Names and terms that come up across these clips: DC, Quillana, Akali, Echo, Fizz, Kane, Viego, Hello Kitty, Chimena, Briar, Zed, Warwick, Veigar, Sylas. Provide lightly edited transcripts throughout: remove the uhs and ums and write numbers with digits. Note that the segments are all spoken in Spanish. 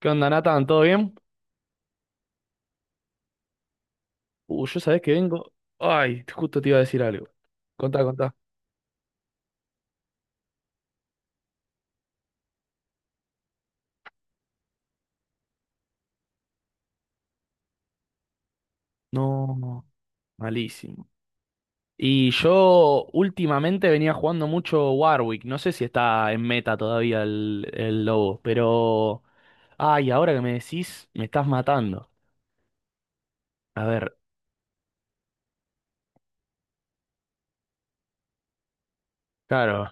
¿Qué onda, Nathan? ¿Todo bien? Yo sabés que vengo. Ay, justo te iba a decir algo. Contá, contá. No, no, malísimo. Y yo últimamente venía jugando mucho Warwick. No sé si está en meta todavía el lobo, pero... Ay, ahora que me decís, me estás matando. A ver, claro.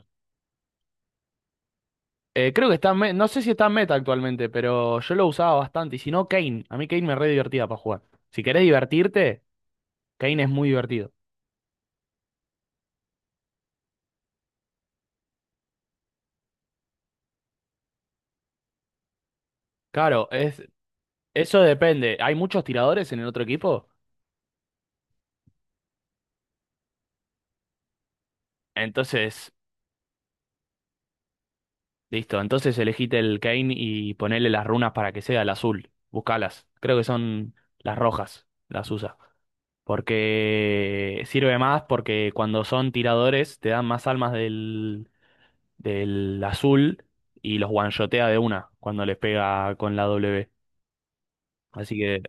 Creo que está en meta. No sé si está en meta actualmente, pero yo lo usaba bastante. Y si no, Kane. A mí Kane me re divertía para jugar. Si querés divertirte, Kane es muy divertido. Claro, es, Eso depende. Hay muchos tiradores en el otro equipo. Entonces, listo. Entonces elegite el Kane y ponele las runas para que sea el azul. Buscalas. Creo que son las rojas. Las usa. Porque sirve más porque cuando son tiradores te dan más almas del azul y los one-shotea de una cuando les pega con la W. Así que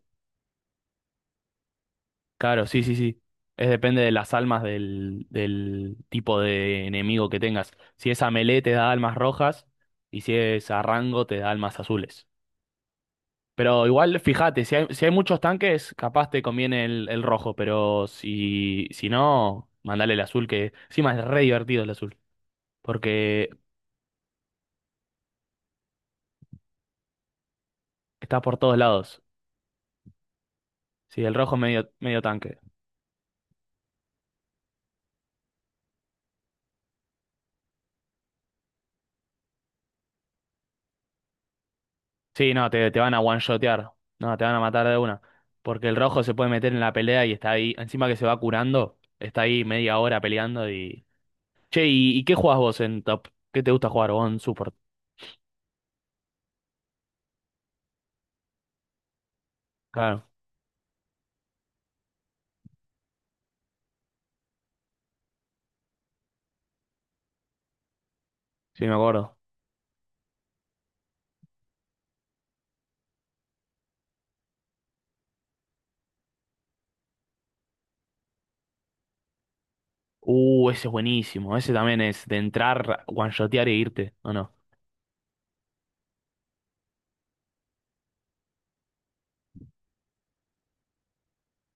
claro, sí, sí, sí. Es depende de las almas del tipo de enemigo que tengas. Si es a melee te da almas rojas y si es a rango te da almas azules. Pero igual, fíjate, si hay, si hay muchos tanques, capaz te conviene el rojo, pero si, si no, mandale el azul, que encima es re divertido el azul, porque está por todos lados. Sí, el rojo es medio, medio tanque. Sí, no, te van a one-shotear. No, te van a matar de una. Porque el rojo se puede meter en la pelea y está ahí. Encima que se va curando, está ahí media hora peleando y... Che, y qué jugás vos en top? ¿Qué te gusta jugar vos en support? Claro, sí, me acuerdo. Ese es buenísimo. Ese también es de entrar, one-shotear e irte, ¿o no?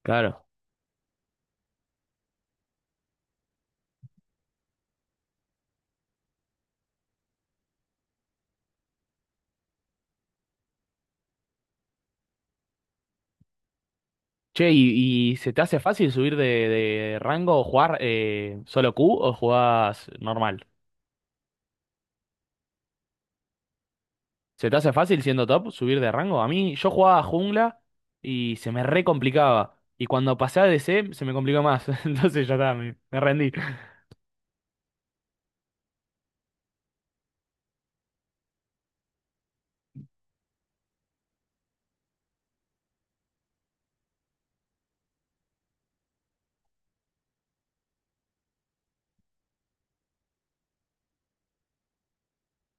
Claro. Che, y se te hace fácil subir de rango o jugar solo Q o jugás normal? ¿Se te hace fácil siendo top subir de rango? A mí, yo jugaba jungla y se me re complicaba. Y cuando pasé a DC se me complicó más. Entonces ya está, me rendí.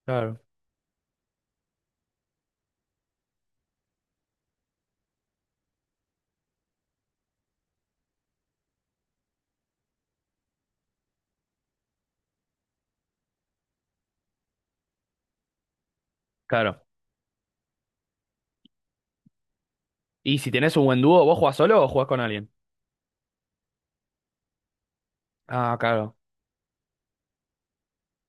Claro. Claro. Y si tenés un buen dúo, ¿vos jugás solo o jugás con alguien? Ah, claro.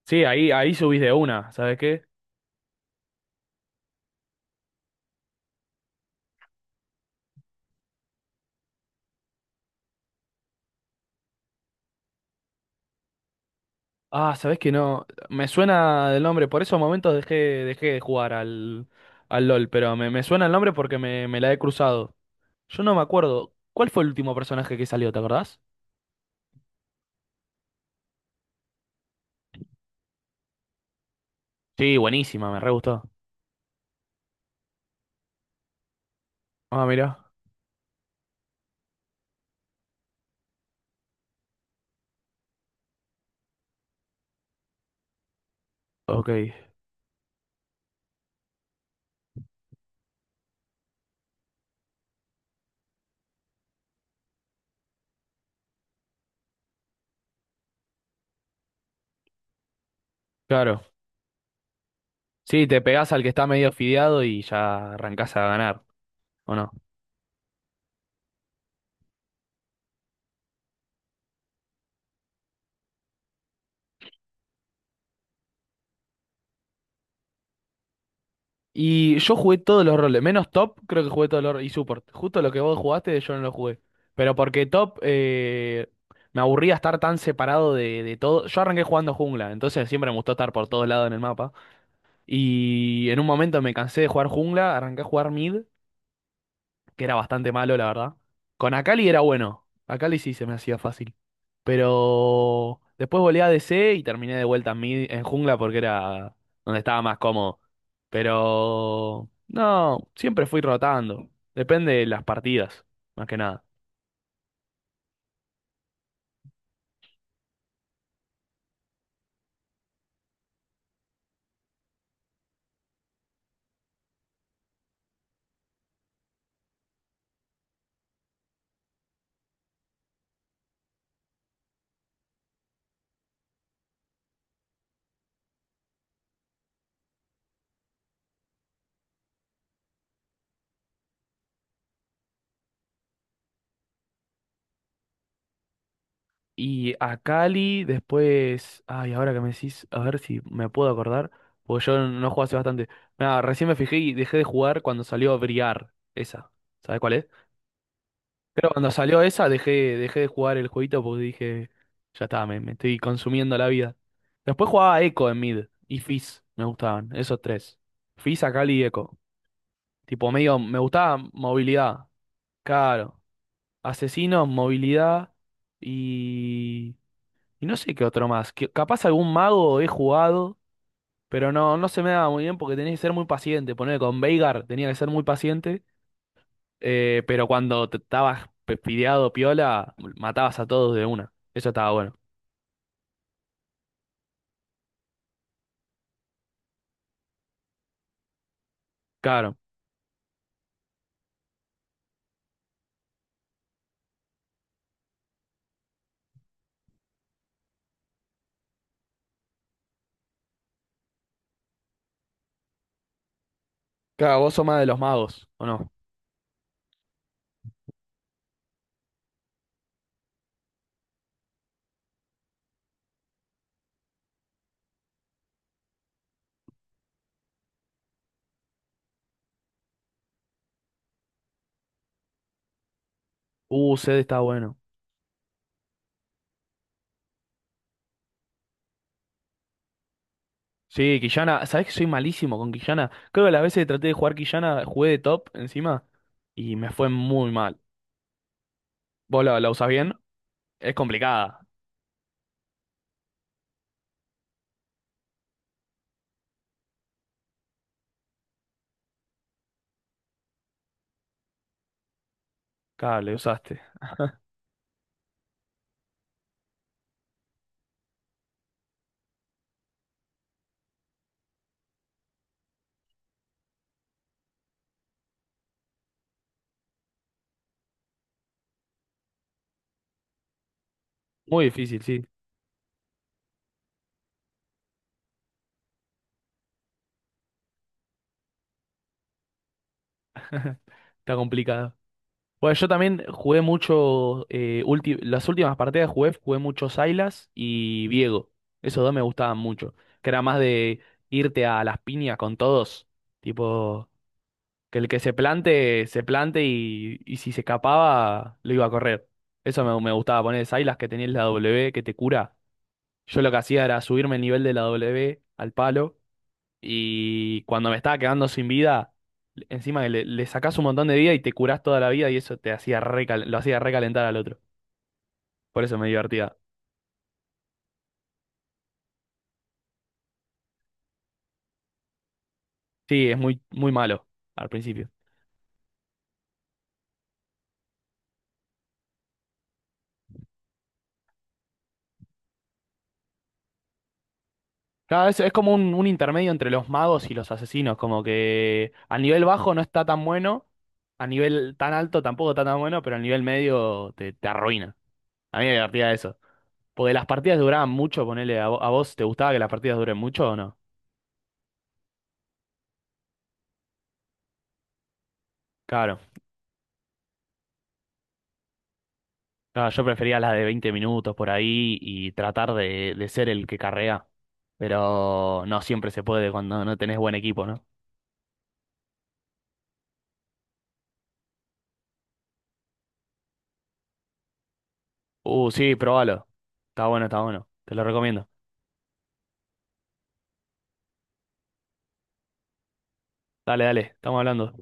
Sí, ahí, ahí subís de una, ¿sabes qué? Ah, ¿sabés que no? Me suena el nombre, por esos momentos dejé, dejé de jugar al, al LOL, pero me suena el nombre porque me la he cruzado. Yo no me acuerdo. ¿Cuál fue el último personaje que salió, te acordás? Sí, buenísima, me re gustó. Ah, mira. Ok, claro. Sí, te pegás al que está medio fideado y ya arrancás a ganar, ¿o no? Y yo jugué todos los roles, menos top, creo que jugué todos los roles, y support. Justo lo que vos jugaste, yo no lo jugué. Pero porque top, me aburría estar tan separado de todo. Yo arranqué jugando jungla, entonces siempre me gustó estar por todos lados en el mapa. Y en un momento me cansé de jugar jungla, arranqué a jugar mid, que era bastante malo, la verdad. Con Akali era bueno. Akali sí se me hacía fácil. Pero después volé a DC y terminé de vuelta en, mid- en jungla porque era donde estaba más cómodo. Pero no, siempre fui rotando. Depende de las partidas, más que nada. Y Akali después. Ay, ahora que me decís, a ver si me puedo acordar. Porque yo no jugué hace bastante. Nada, recién me fijé y dejé de jugar cuando salió Briar. Esa. ¿Sabes cuál es? Pero cuando salió esa dejé, dejé de jugar el jueguito porque dije, ya está, me estoy consumiendo la vida. Después jugaba Echo en mid y Fizz, me gustaban, esos tres. Fizz, Akali y Echo. Tipo, medio, me gustaba movilidad, claro. Asesinos, movilidad y... Y no sé qué otro más. Que, capaz algún mago he jugado, pero no, no se me daba muy bien porque tenés que ser muy paciente. Poner con Veigar tenía que ser muy paciente. Pero cuando te estabas pespideado piola, matabas a todos de una. Eso estaba bueno. Claro. Claro, vos sos más de los magos, ¿o no? Zed está bueno. Sí, Quillana, ¿sabés que soy malísimo con Quillana? Creo que las veces que traté de jugar Quillana, jugué de top encima y me fue muy mal. ¿Vos la, la usás bien? Es complicada. Claro, le usaste. Muy difícil, sí. Está complicada. Bueno, yo también jugué mucho, las últimas partidas jugué, jugué mucho Sylas y Viego. Esos dos me gustaban mucho. Que era más de irte a las piñas con todos. Tipo, que el que se plante y si se escapaba, lo iba a correr. Eso me, me gustaba poner Sylas que tenías la W, que te cura. Yo lo que hacía era subirme el nivel de la W al palo y cuando me estaba quedando sin vida, encima le, le sacás un montón de vida y te curás toda la vida y eso te hacía recal- lo hacía recalentar al otro. Por eso me divertía. Sí, es muy, muy malo al principio. Claro, es como un intermedio entre los magos y los asesinos, como que a nivel bajo no está tan bueno, a nivel tan alto tampoco está tan bueno, pero a nivel medio te, te arruina. A mí me divertía eso. Porque las partidas duraban mucho, ponele, a, vo- a vos, ¿te gustaba que las partidas duren mucho o no? Claro. No, yo prefería las de 20 minutos por ahí y tratar de ser el que carrea. Pero no siempre se puede cuando no tenés buen equipo, ¿no? Sí, probalo. Está bueno, está bueno. Te lo recomiendo. Dale, dale, estamos hablando.